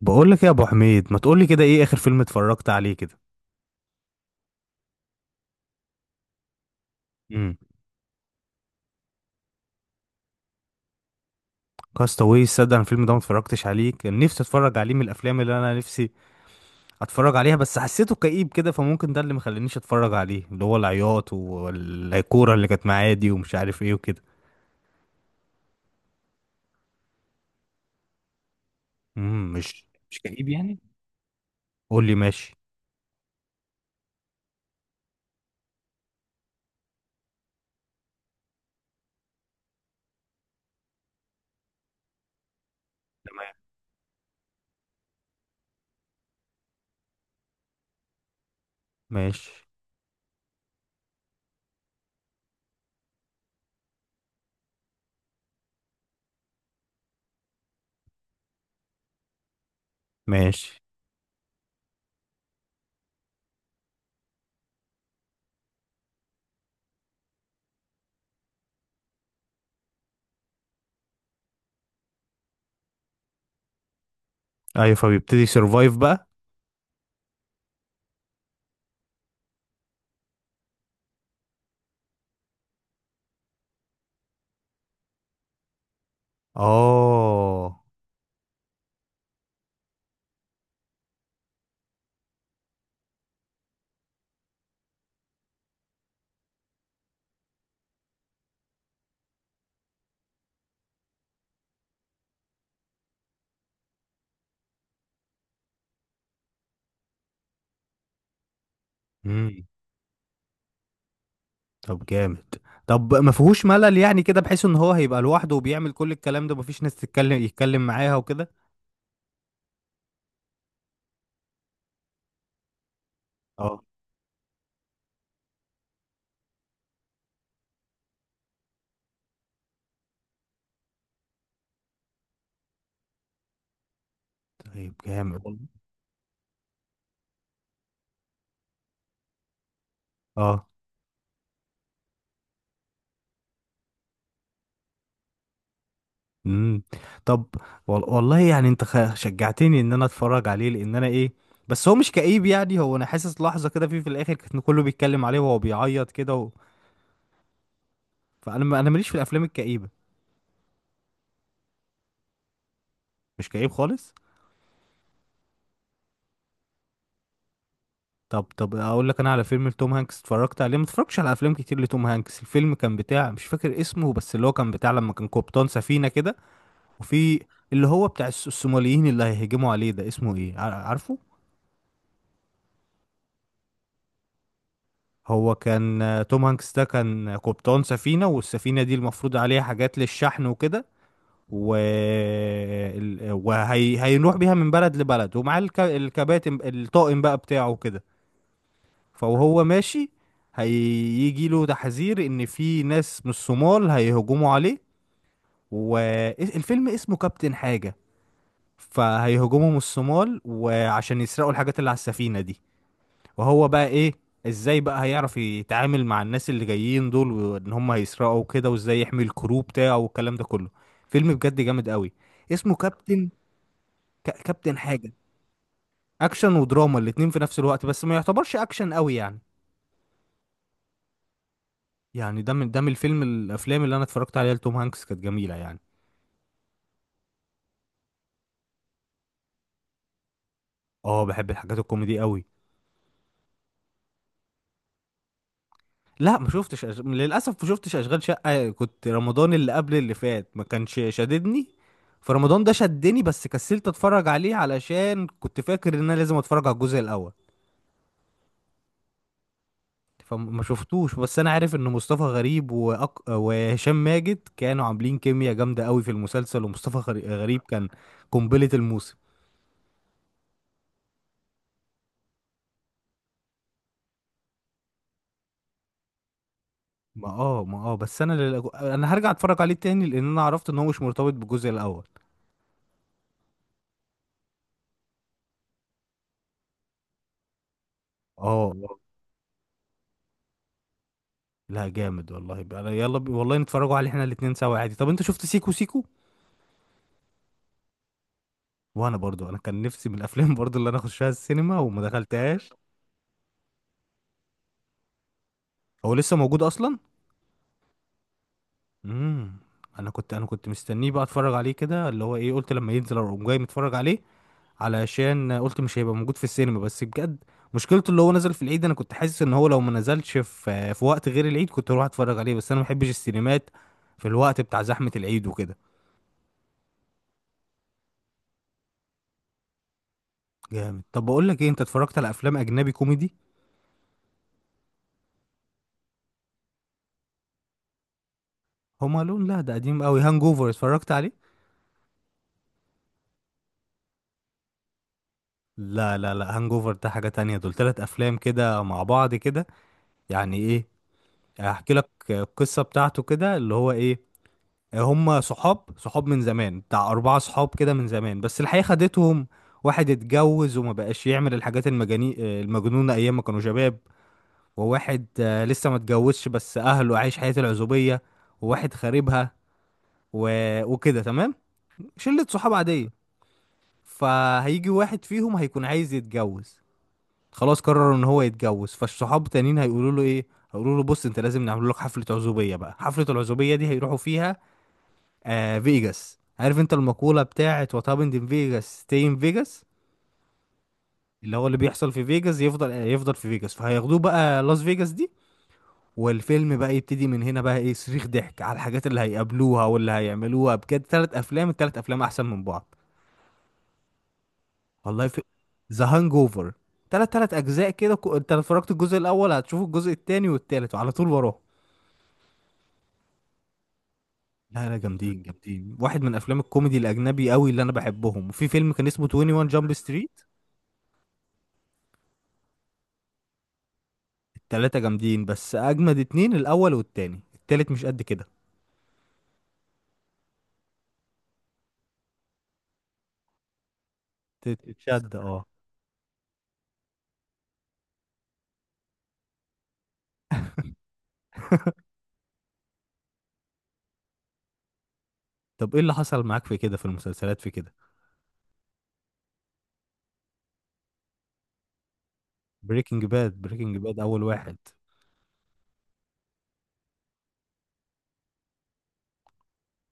بقول لك إيه يا ابو حميد؟ ما تقول لي كده، ايه اخر فيلم اتفرجت عليه كده؟ امم. كاستاوي، صدق انا الفيلم ده ما اتفرجتش عليه. كان نفسي اتفرج عليه، من الافلام اللي انا نفسي اتفرج عليها، بس حسيته كئيب كده فممكن ده اللي مخلينيش اتفرج عليه، اللي هو العياط والكوره اللي كانت معايا دي ومش عارف ايه وكده. مش كئيب يعني؟ قول لي ماشي. تمام. ماشي. ماشي. ايوه، فبيبتدي سيرفايف بقى. اه. طب جامد. طب ما فيهوش ملل يعني كده، بحيث ان هو هيبقى لوحده وبيعمل كل الكلام ده مفيش ناس تتكلم يتكلم معاها وكده؟ اه. طيب جامد والله. اه. امم. طب والله يعني، انت شجعتني ان انا اتفرج عليه، لان انا ايه، بس هو مش كئيب يعني؟ هو انا حاسس لحظة كده فيه في الاخر كان كله بيتكلم عليه وهو بيعيط كده فانا انا ماليش في الافلام الكئيبة. مش كئيب خالص. طب اقول لك انا على فيلم لتوم هانكس اتفرجت عليه، ما اتفرجتش على افلام كتير لتوم هانكس. الفيلم كان بتاع، مش فاكر اسمه، بس اللي هو كان بتاع لما كان قبطان سفينة كده. وفي اللي هو بتاع الصوماليين اللي هيهجموا عليه، ده اسمه ايه عارفه؟ هو كان، توم هانكس ده كان قبطان سفينة، والسفينة دي المفروض عليها حاجات للشحن وكده. هيروح بيها من بلد لبلد، ومعاه الكباتن، الطاقم بقى بتاعه كده. فوهو ماشي، هيجي له تحذير ان في ناس من الصومال هيهجموا عليه. والفيلم اسمه كابتن حاجة. فهيهجموا من الصومال، وعشان يسرقوا الحاجات اللي على السفينة دي. وهو بقى ايه، ازاي بقى هيعرف يتعامل مع الناس اللي جايين دول، وان هم هيسرقوا كده، وازاي يحمي الكرو بتاعه والكلام ده كله. فيلم بجد جامد قوي، اسمه كابتن، كابتن حاجة. اكشن ودراما الاتنين في نفس الوقت، بس ما يعتبرش اكشن قوي يعني. يعني ده من الافلام اللي انا اتفرجت عليها لتوم هانكس كانت جميله يعني. اه، بحب الحاجات الكوميدي قوي. لا ما شفتش للاسف ما شفتش اشغال شقه. كنت رمضان اللي قبل اللي فات ما كانش شددني، فرمضان ده شدني بس كسلت اتفرج عليه علشان كنت فاكر ان انا لازم اتفرج على الجزء الاول. فما شفتوش. بس انا عارف ان مصطفى غريب وهشام ماجد كانوا عاملين كيمياء جامده قوي في المسلسل. ومصطفى غريب كان قنبله الموسم. ما اه ما اه بس انا هرجع اتفرج عليه تاني، لان انا عرفت ان هو مش مرتبط بالجزء الاول. اه. آه. لا جامد والله بقى. يلا والله نتفرجوا عليه احنا الاتنين سوا عادي. طب انت شفت سيكو سيكو؟ وانا برضو، انا كان نفسي من الافلام برضو، اللي انا اخشها السينما وما دخلتهاش. هو لسه موجود اصلا؟ امم. انا كنت مستنيه بقى اتفرج عليه كده، اللي هو ايه، قلت لما ينزل اقوم جاي متفرج عليه، علشان قلت مش هيبقى موجود في السينما. بس بجد مشكلته اللي هو نزل في العيد، انا كنت حاسس ان هو لو ما نزلش في وقت غير العيد كنت اروح اتفرج عليه، بس انا ما بحبش السينمات في الوقت بتاع زحمة العيد وكده. جامد. طب بقول لك ايه، انت اتفرجت على افلام اجنبي كوميدي؟ هوم الون، لا ده قديم قوي. هانج اوفر اتفرجت عليه؟ لا لا لا، هانج اوفر ده حاجة تانية، دول تلات افلام كده مع بعض كده. يعني ايه، هحكي لك القصة بتاعته كده، اللي هو ايه، هم صحاب صحاب من زمان بتاع أربعة صحاب كده من زمان، بس الحقيقة خدتهم. واحد اتجوز وما بقاش يعمل الحاجات المجنونة أيام ما كانوا شباب. وواحد لسه ما اتجوزش بس أهله عايش حياة العزوبية. وواحد خاربها و... وكده تمام، شلة صحاب عادية. فهيجي واحد فيهم هيكون عايز يتجوز، خلاص قرر ان هو يتجوز، فالصحاب التانيين هيقولوا له ايه، هيقولوا له بص انت لازم نعمل لك حفلة عزوبية بقى. حفلة العزوبية دي هيروحوا فيها فيجاس، عارف انت المقولة بتاعت وات هابند ان فيجاس ستي ان فيجاس، اللي بيحصل في فيجاس يفضل، يفضل في فيجاس. فهياخدوه بقى لاس فيجاس دي، والفيلم بقى يبتدي من هنا بقى، ايه صريخ ضحك على الحاجات اللي هيقابلوها واللي هيعملوها. بجد تلات افلام التلات افلام احسن من بعض. والله، في ذا هانج اوفر، تلات اجزاء كده. انت لو اتفرجت الجزء الاول هتشوف الجزء التاني والتالت وعلى طول وراه. لا لا، جامدين جامدين، واحد من افلام الكوميدي الاجنبي قوي اللي انا بحبهم. وفي فيلم كان اسمه 21 جامب ستريت. التلاتة جامدين، بس أجمد اتنين الأول والتاني، التالت مش قد كده. تتشد، اه. طب ايه اللي حصل معاك في كده في المسلسلات في كده؟ بريكنج باد، بريكنج باد أول واحد.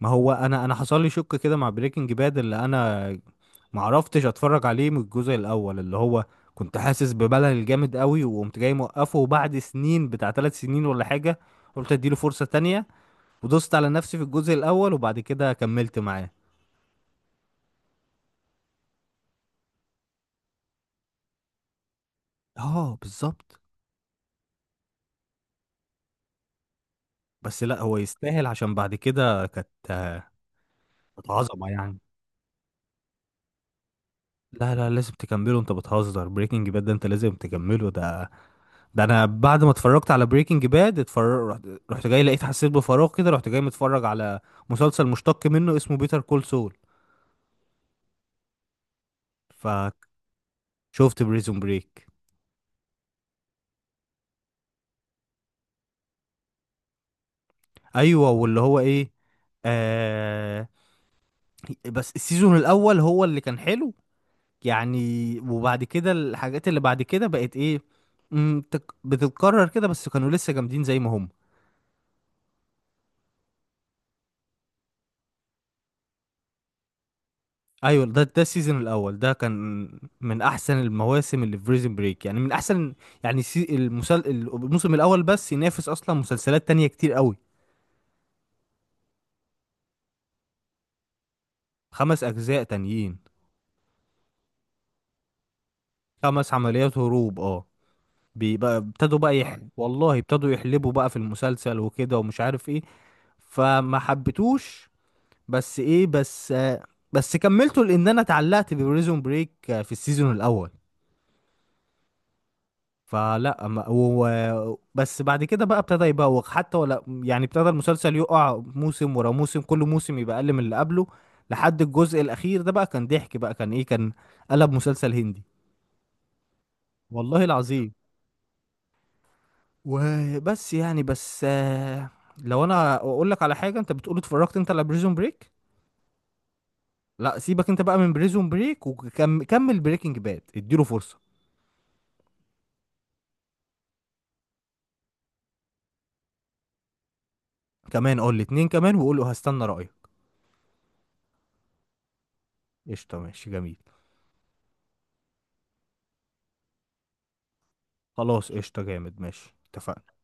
ما هو أنا حصل لي شك كده مع بريكنج باد، اللي أنا معرفتش أتفرج عليه من الجزء الأول، اللي هو كنت حاسس بملل جامد قوي وقمت جاي موقفه. وبعد سنين، بتاع ثلاث سنين ولا حاجة، قلت اديله فرصة تانية، ودوست على نفسي في الجزء الأول وبعد كده كملت معاه. اه بالظبط. بس لا، هو يستاهل، عشان بعد كده كانت، كانت عظمه يعني. لا لا، لازم تكمله، انت بتهزر، بريكنج باد ده انت لازم تكمله. ده ده انا بعد ما اتفرجت على بريكنج باد، اتفرج رحت جاي حسيت بفراغ كده، رحت جاي متفرج على مسلسل مشتق منه اسمه بيتر كول سول. فشفت بريزون بريك. ايوه، واللي هو ايه، آه بس السيزون الاول هو اللي كان حلو يعني. وبعد كده الحاجات اللي بعد كده بقت ايه، بتتكرر كده، بس كانوا لسه جامدين زي ما هم. ايوه، ده السيزون الاول ده كان من احسن المواسم اللي في بريزن بريك، يعني من احسن، يعني الموسم الاول بس ينافس اصلا مسلسلات تانية كتير قوي. خمس اجزاء تانيين، خمس عمليات هروب، اه. بيبقى ابتدوا بقى والله ابتدوا يحلبوا بقى في المسلسل وكده ومش عارف ايه، فما حبيتوش. بس ايه، بس بس كملته لان انا اتعلقت ببريزون بريك في السيزون الاول. فلا ما- و... و- بس بعد كده بقى ابتدى يبوخ حتى، ولا يعني ابتدى المسلسل يقع موسم ورا موسم، كل موسم يبقى اقل من اللي قبله. لحد الجزء الاخير ده بقى كان ضحك بقى، كان ايه، كان قلب مسلسل هندي، والله العظيم. وبس يعني، بس لو انا اقول لك على حاجه انت بتقول اتفرجت انت على بريزون بريك، لا سيبك انت بقى من بريزون بريك، وكمل بريكنج باد اديله فرصه. كمان قول لي اتنين كمان، وقول له هستنى رأيك. قشطة، ماشي، جميل. خلاص قشطة، جامد، ماشي، اتفقنا.